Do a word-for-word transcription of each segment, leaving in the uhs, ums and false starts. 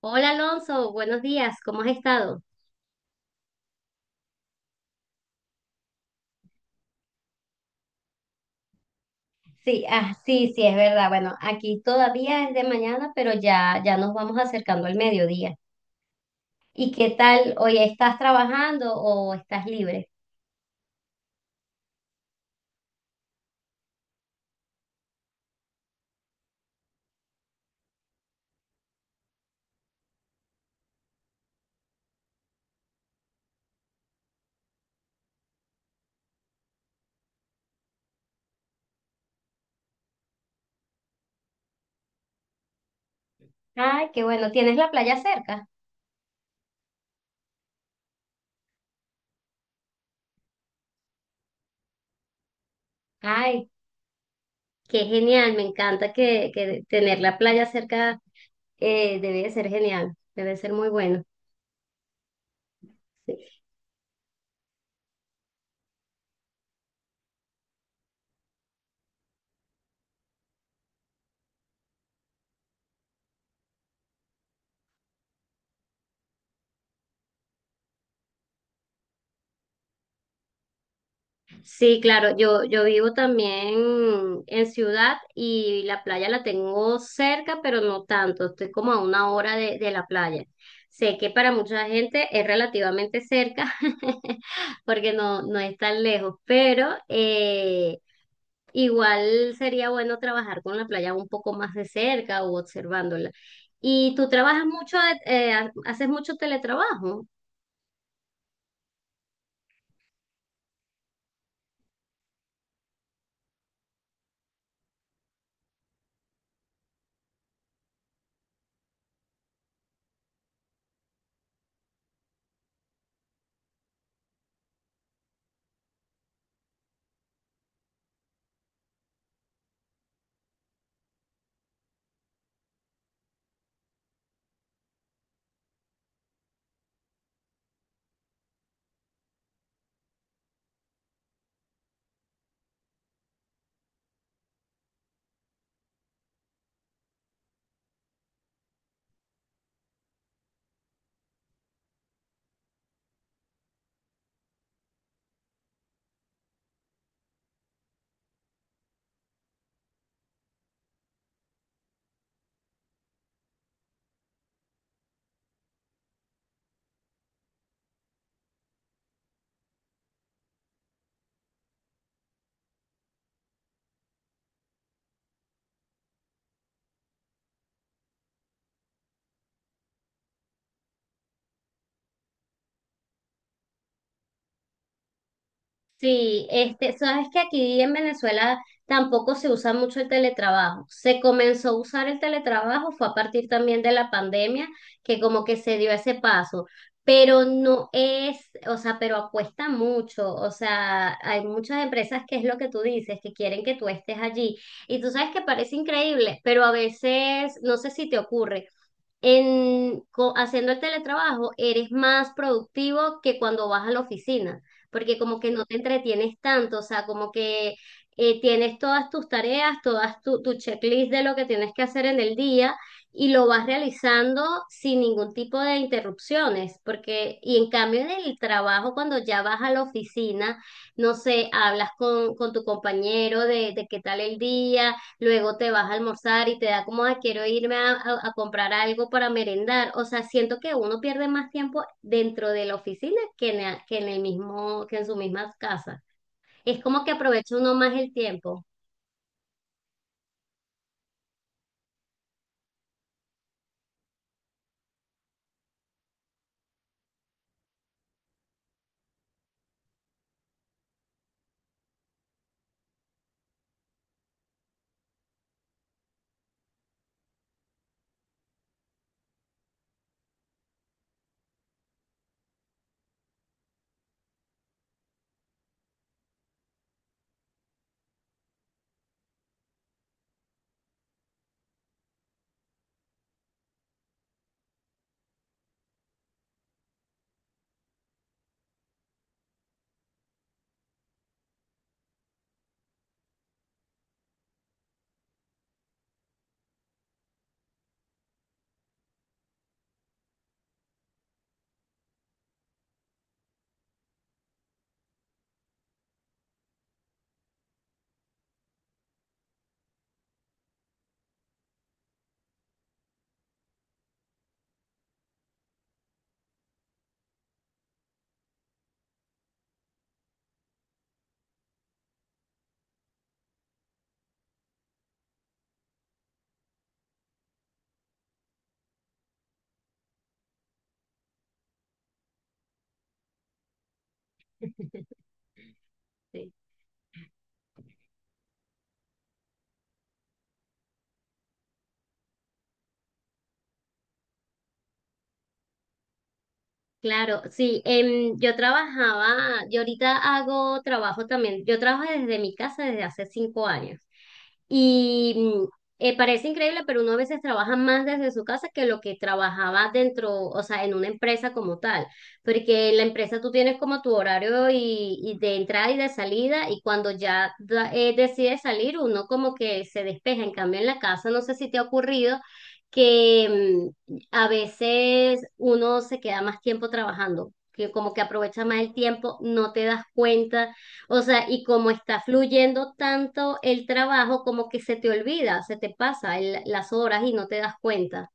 Hola Alonso, buenos días, ¿cómo has estado? Sí, ah, sí, sí, es verdad. Bueno, aquí todavía es de mañana, pero ya, ya nos vamos acercando al mediodía. ¿Y qué tal? ¿Hoy estás trabajando o estás libre? Ay, qué bueno, ¿tienes la playa cerca? Ay, qué genial, me encanta que, que tener la playa cerca eh, debe de ser genial, debe ser muy bueno. Sí. Sí, claro, yo, yo vivo también en ciudad y la playa la tengo cerca, pero no tanto, estoy como a una hora de, de la playa. Sé que para mucha gente es relativamente cerca, porque no, no es tan lejos, pero eh, igual sería bueno trabajar con la playa un poco más de cerca o observándola. ¿Y tú trabajas mucho, eh, eh, haces mucho teletrabajo? Sí, este, sabes que aquí en Venezuela tampoco se usa mucho el teletrabajo. Se comenzó a usar el teletrabajo, fue a partir también de la pandemia, que como que se dio ese paso, pero no es, o sea, pero acuesta mucho. O sea, hay muchas empresas que es lo que tú dices, que quieren que tú estés allí. Y tú sabes que parece increíble, pero a veces, no sé si te ocurre en, co- haciendo el teletrabajo eres más productivo que cuando vas a la oficina, porque como que no te entretienes tanto, o sea, como que eh, tienes todas tus tareas, todas tu, tu checklist de lo que tienes que hacer en el día y lo vas realizando sin ningún tipo de interrupciones, porque, y en cambio en el trabajo, cuando ya vas a la oficina, no sé, hablas con, con tu compañero de, de qué tal el día. Luego te vas a almorzar y te da como, "Ay, quiero irme a, a- a comprar algo para merendar". O sea, siento que uno pierde más tiempo dentro de la oficina que en, la- que en el mismo, que en su misma casa. Es como que aprovecha uno más el tiempo. Sí. Claro, sí, em, yo trabajaba, yo ahorita hago trabajo también, yo trabajo desde mi casa desde hace cinco años. Y mm, eh, parece increíble, pero uno a veces trabaja más desde su casa que lo que trabajaba dentro, o sea, en una empresa como tal, porque en la empresa tú tienes como tu horario y, y de entrada y de salida, y cuando ya da- eh, decides salir, uno como que se despeja. En cambio, en la casa, no sé si te ha ocurrido que mm, a veces uno se queda más tiempo trabajando, que como que aprovecha más el tiempo, no te das cuenta, o sea, y como está fluyendo tanto el trabajo, como que se te olvida, se te pasa el- las horas y no te das cuenta.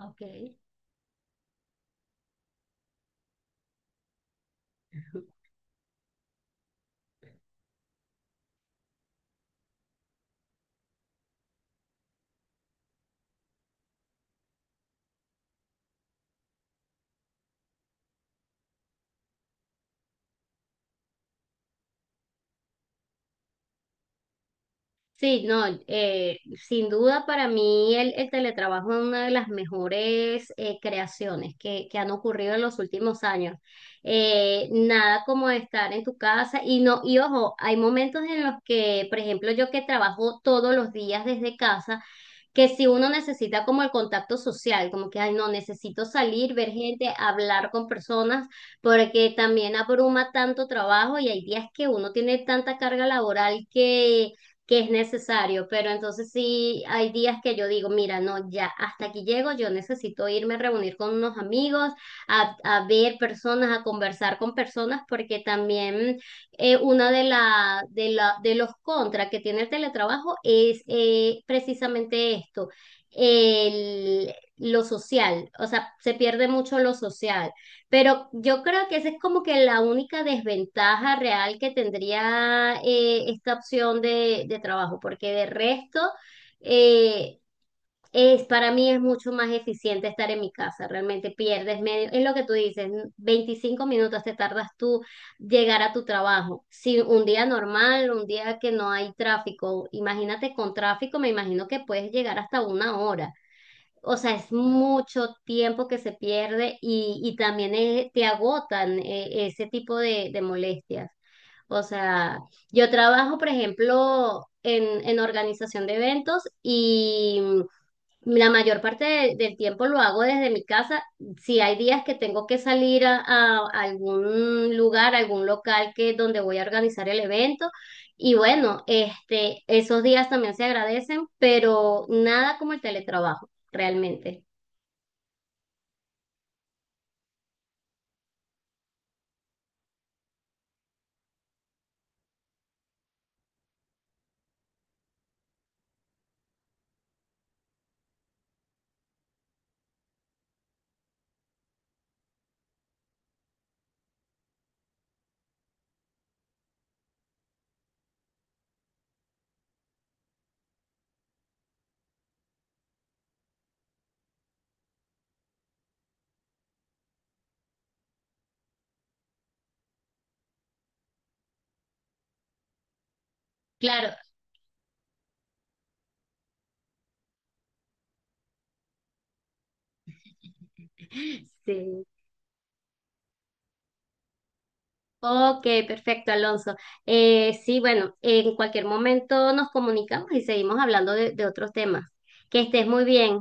Okay. Sí, no, eh, sin duda para mí el, el teletrabajo es una de las mejores eh, creaciones que, que han ocurrido en los últimos años. Eh, nada como estar en tu casa y no, y ojo, hay momentos en los que, por ejemplo, yo que trabajo todos los días desde casa, que si uno necesita como el contacto social, como que, ay, no, necesito salir, ver gente, hablar con personas, porque también abruma tanto trabajo y hay días que uno tiene tanta carga laboral que, que es necesario, pero entonces sí hay días que yo digo, mira, no, ya hasta aquí llego, yo necesito irme a reunir con unos amigos, a, a ver personas, a conversar con personas, porque también eh, una de, la, de, la, de los contras que tiene el teletrabajo es eh, precisamente esto, el, lo social, o sea, se pierde mucho lo social, pero yo creo que esa es como que la única desventaja real que tendría eh, esta opción de, de trabajo, porque de resto... eh, es, para mí es mucho más eficiente estar en mi casa, realmente pierdes medio, es lo que tú dices, veinticinco minutos te tardas tú llegar a tu trabajo. Si un día normal, un día que no hay tráfico, imagínate con tráfico, me imagino que puedes llegar hasta una hora. O sea, es mucho tiempo que se pierde y, y también eh, te agotan eh, ese tipo de, de molestias. O sea, yo trabajo, por ejemplo, en, en organización de eventos y la mayor parte de- del tiempo lo hago desde mi casa. Si hay días que tengo que salir a, a algún lugar, algún local que donde voy a organizar el evento, y bueno, este, esos días también se agradecen, pero nada como el teletrabajo, realmente. Claro, sí. Ok, perfecto, Alonso. Eh, sí, bueno, en cualquier momento nos comunicamos y seguimos hablando de de otros temas. Que estés muy bien.